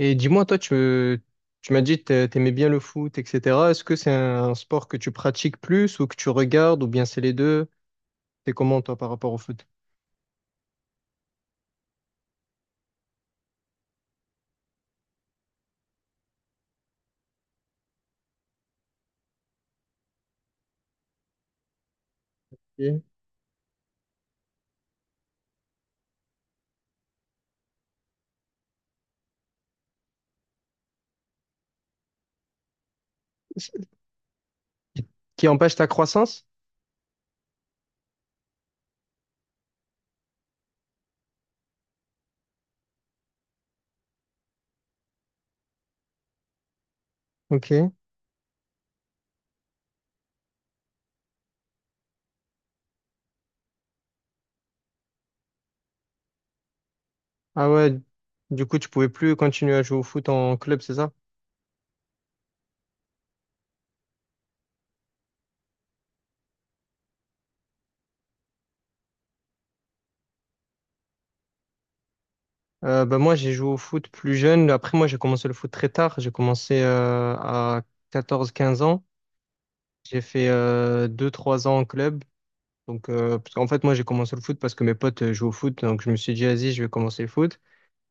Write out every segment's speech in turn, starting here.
Et dis-moi, tu m'as dit que t'aimais bien le foot, etc. Est-ce que c'est un sport que tu pratiques plus ou que tu regardes ou bien c'est les deux? T'es comment, toi, par rapport au foot? Ok. Qui empêche ta croissance? Ok. Ah ouais, du coup, tu pouvais plus continuer à jouer au foot en club, c'est ça? Moi, j'ai joué au foot plus jeune. Après, moi, j'ai commencé le foot très tard. J'ai commencé à 14, 15 ans. J'ai fait 2-3 ans en club. Parce qu'en fait, moi, j'ai commencé le foot parce que mes potes jouaient au foot. Donc, je me suis dit, vas-y, je vais commencer le foot.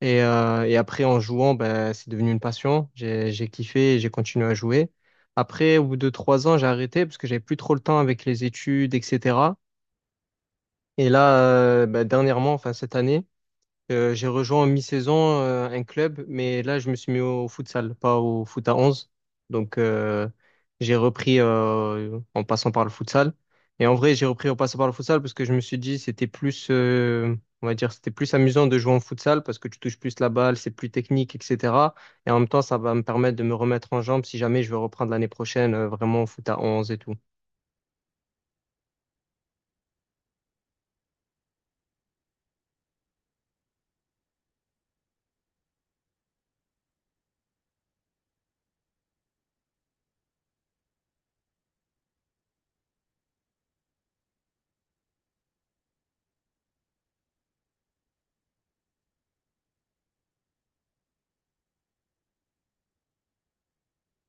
Et après, en jouant, ben, c'est devenu une passion. J'ai kiffé et j'ai continué à jouer. Après, au bout de 3 ans, j'ai arrêté parce que j'avais plus trop le temps avec les études, etc. Et là, ben, dernièrement, enfin cette année, j'ai rejoint en mi-saison un club, mais là, je me suis mis au futsal, pas au foot à 11. Donc, euh, j'ai repris en passant par le futsal. Et en vrai, j'ai repris en passant par le futsal parce que je me suis dit, c'était plus, on va dire, c'était plus amusant de jouer en futsal parce que tu touches plus la balle, c'est plus technique, etc. Et en même temps, ça va me permettre de me remettre en jambe si jamais je veux reprendre l'année prochaine vraiment au foot à 11 et tout.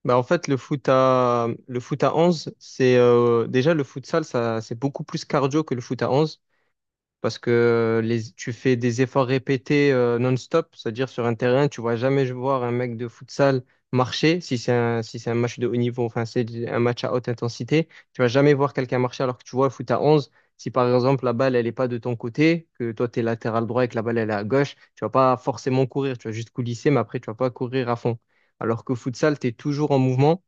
Bah en fait, le foot à 11 c'est déjà le futsal, ça, c'est beaucoup plus cardio que le foot à 11. Parce que tu fais des efforts répétés non-stop, c'est-à-dire sur un terrain, tu vas jamais voir un mec de futsal marcher si c'est un match de haut niveau, enfin c'est un match à haute intensité, tu vas jamais voir quelqu'un marcher alors que tu vois le foot à 11. Si par exemple la balle elle est pas de ton côté, que toi tu es latéral droit et que la balle elle est à gauche, tu vas pas forcément courir, tu vas juste coulisser mais après tu vas pas courir à fond. Alors que futsal, tu es toujours en mouvement.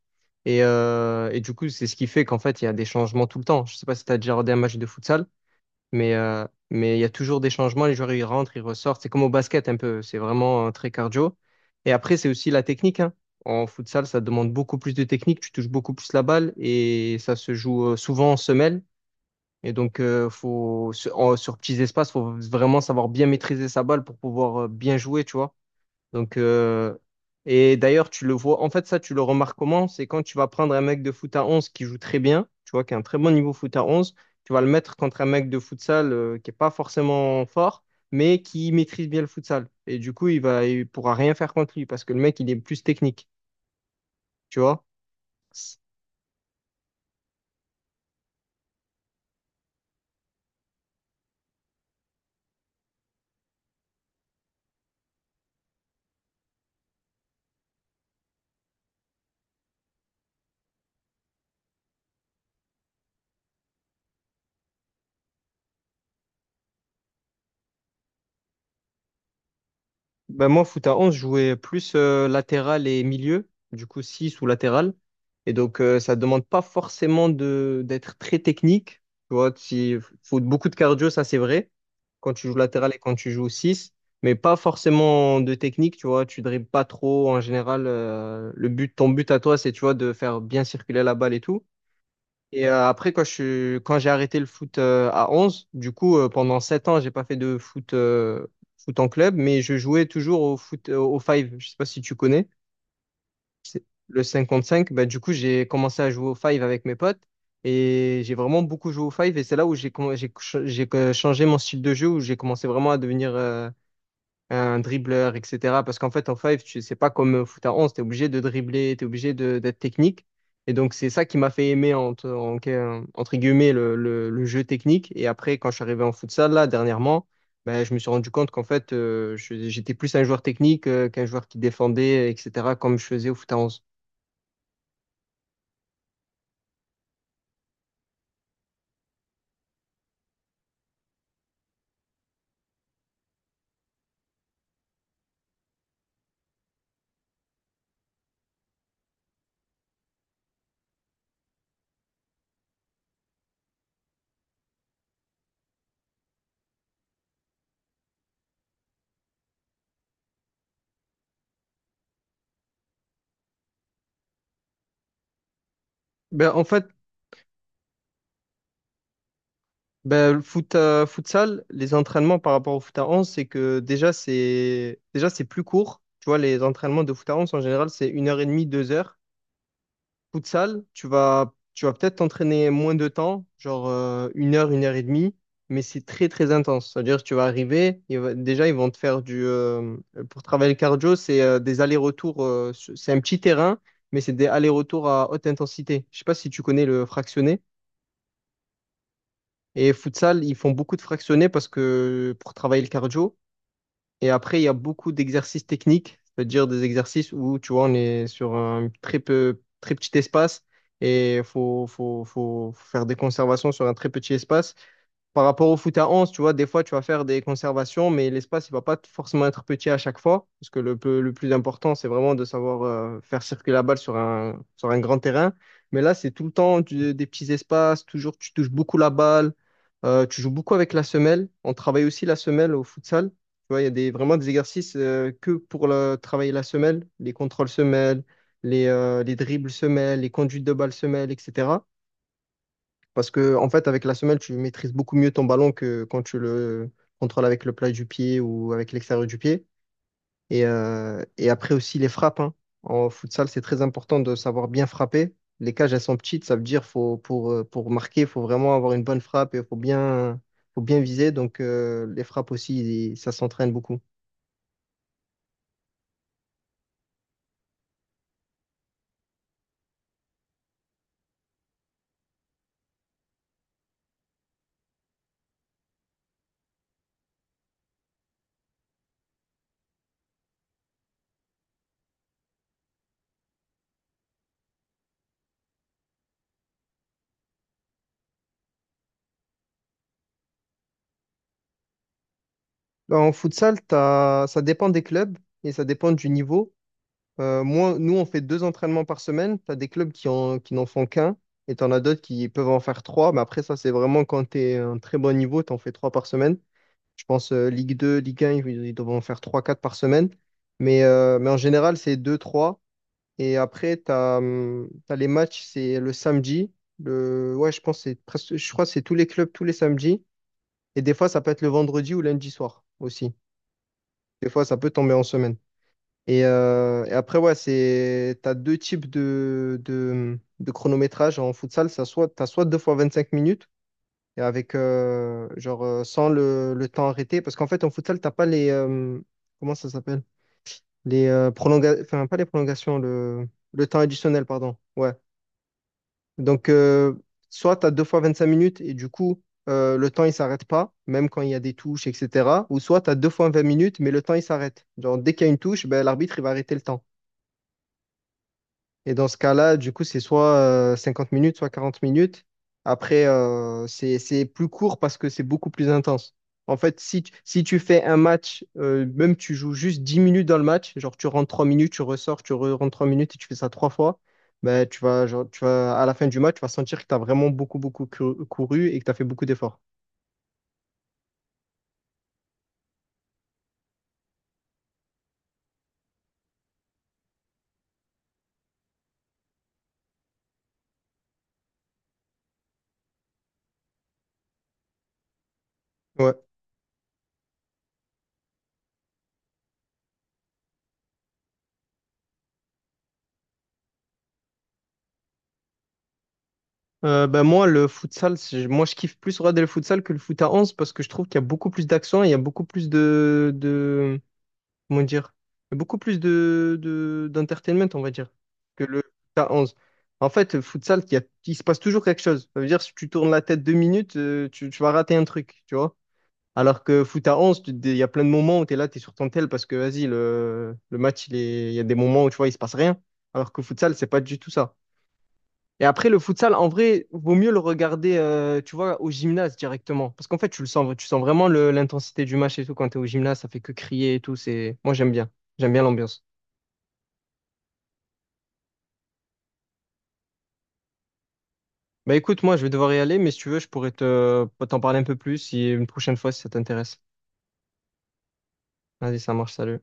Et du coup, c'est ce qui fait qu'en fait, il y a des changements tout le temps. Je sais pas si tu as déjà regardé un match de futsal, mais il y a toujours des changements. Les joueurs, ils rentrent, ils ressortent. C'est comme au basket un peu. C'est vraiment très cardio. Et après, c'est aussi la technique, hein. En futsal, ça demande beaucoup plus de technique. Tu touches beaucoup plus la balle et ça se joue souvent en semelle. Et donc, sur petits espaces, faut vraiment savoir bien maîtriser sa balle pour pouvoir bien jouer, tu vois. Donc, euh, et d'ailleurs, tu le vois, en fait, ça, tu le remarques comment? C'est quand tu vas prendre un mec de foot à 11 qui joue très bien, tu vois, qui a un très bon niveau foot à 11, tu vas le mettre contre un mec de futsal qui est pas forcément fort, mais qui maîtrise bien le futsal. Et du coup, il pourra rien faire contre lui parce que le mec, il est plus technique, tu vois. Ben moi, foot à 11 je jouais plus latéral et milieu, du coup 6 ou latéral. Et donc, ça demande pas forcément de d'être très technique. Tu vois, il faut beaucoup de cardio, ça c'est vrai, quand tu joues latéral et quand tu joues 6 mais pas forcément de technique, tu vois, tu dribbles pas trop en général. Ton but à toi, c'est, tu vois, de faire bien circuler la balle et tout. Et après, quand j'ai arrêté le foot à 11, du coup, pendant 7 ans, j'ai pas fait de foot, foot en club, mais je jouais toujours au foot, au five. Je sais pas si tu connais, c'est le 5 contre 5. Bah, du coup, j'ai commencé à jouer au five avec mes potes et j'ai vraiment beaucoup joué au five. Et c'est là où j'ai com- j'ai ch- j'ai, changé mon style de jeu, où j'ai commencé vraiment à devenir un dribbleur, etc. Parce qu'en fait, en five, tu c'est pas comme foot à 11 tu es obligé de dribbler, tu es obligé de- d'être technique. Et donc, c'est ça qui m'a fait aimer, entre guillemets, le jeu technique. Et après, quand je suis arrivé en futsal, là, dernièrement, ben, je me suis rendu compte qu'en fait, j'étais plus un joueur technique qu'un joueur qui défendait, etc., comme je faisais au foot à 11. Ben, en fait, le futsal, les entraînements par rapport au foot à 11 c'est que déjà, c'est plus court. Tu vois, les entraînements de foot à 11 en général, c'est une heure et demie, 2 heures. Futsal, tu vas peut-être t'entraîner moins de temps, genre 1 heure, 1 heure et demie, mais c'est très très intense. C'est-à-dire que tu vas arriver, déjà ils vont te faire du... pour travailler le cardio, c'est des allers-retours, c'est un petit terrain, mais c'est des allers-retours à haute intensité. Je sais pas si tu connais le fractionné. Et futsal, ils font beaucoup de fractionnés parce que pour travailler le cardio. Et après, il y a beaucoup d'exercices techniques, c'est-à-dire des exercices où, tu vois, on est sur un très petit espace et faut faire des conservations sur un très petit espace. Par rapport au foot à 11, tu vois, des fois, tu vas faire des conservations, mais l'espace, il va pas forcément être petit à chaque fois, parce que le plus important, c'est vraiment de savoir faire circuler la balle sur sur un grand terrain. Mais là, c'est tout le temps des petits espaces, toujours, tu touches beaucoup la balle, tu joues beaucoup avec la semelle. On travaille aussi la semelle au futsal. Tu vois, il y a des, vraiment des exercices que pour travailler la semelle, les contrôles semelles, les dribbles semelles, les conduites de balle semelles, etc. Parce que, en fait, avec la semelle, tu maîtrises beaucoup mieux ton ballon que quand tu le contrôles avec le plat du pied ou avec l'extérieur du pied. Et après aussi les frappes, hein. En futsal, c'est très important de savoir bien frapper. Les cages, elles sont petites, ça veut dire faut, pour marquer, il faut vraiment avoir une bonne frappe et faut bien viser. Donc, les frappes aussi, ça s'entraîne beaucoup. En futsal, ça dépend des clubs et ça dépend du niveau. Nous, on fait 2 entraînements par semaine. Tu as des clubs qui n'en font qu'un et tu en as d'autres qui peuvent en faire 3. Mais après, ça, c'est vraiment quand tu es un très bon niveau, tu en fais 3 par semaine. Je pense Ligue 2, Ligue 1, ils doivent en faire 3, 4 par semaine. Mais, mais en général, c'est 2, 3. Et après, les matchs, c'est le samedi. Ouais, je pense que c'est presque, je crois que c'est tous les clubs tous les samedis. Et des fois, ça peut être le vendredi ou lundi soir aussi. Des fois, ça peut tomber en semaine. Et après, ouais, c'est, t'as deux types de chronométrage en futsal. T'as soit 2 fois 25 minutes, et avec, sans le temps arrêté. Parce qu'en fait, en futsal, t'as pas comment ça s'appelle? Enfin, pas les prolongations, le temps additionnel, pardon. Ouais. Donc, soit t'as 2 fois 25 minutes, et du coup, le temps, il s'arrête pas, même quand il y a des touches, etc. Ou soit t'as 2 fois 20 minutes, mais le temps, il s'arrête. Genre, dès qu'il y a une touche, ben, l'arbitre, il va arrêter le temps. Et dans ce cas-là, du coup, c'est soit 50 minutes, soit 40 minutes. Après, c'est plus court parce que c'est beaucoup plus intense. En fait, si tu fais un match, même tu joues juste 10 minutes dans le match, genre tu rentres 3 minutes, tu ressors, rentres 3 minutes et tu fais ça 3 fois, ben, tu vas, à la fin du match, tu vas sentir que tu as vraiment beaucoup, couru et que tu as fait beaucoup d'efforts. Ouais. Ben moi, le futsal, je kiffe plus regarder le futsal que le foot à 11 parce que je trouve qu'il y a beaucoup plus d'accent et il y a beaucoup plus comment dire, beaucoup plus d'entertainment, on va dire, que le k onze. En fait, futsal, il se passe toujours quelque chose. Ça veut dire, si tu tournes la tête 2 minutes, tu vas rater un truc, tu vois. Alors que foot à 11 il y a plein de moments où tu es là, tu es sur ton tel parce que, vas-y, le match, il y a des moments où, tu vois, il se passe rien. Alors que futsal, c'est pas du tout ça. Et après, le futsal, en vrai, vaut mieux le regarder, tu vois, au gymnase directement. Parce qu'en fait, tu le sens, tu sens vraiment l'intensité du match et tout. Quand t'es au gymnase, ça fait que crier et tout. C'est... moi, j'aime bien. J'aime bien l'ambiance. Bah écoute, moi, je vais devoir y aller, mais si tu veux, je pourrais te... t'en parler un peu plus si une prochaine fois, si ça t'intéresse. Vas-y, ça marche, salut.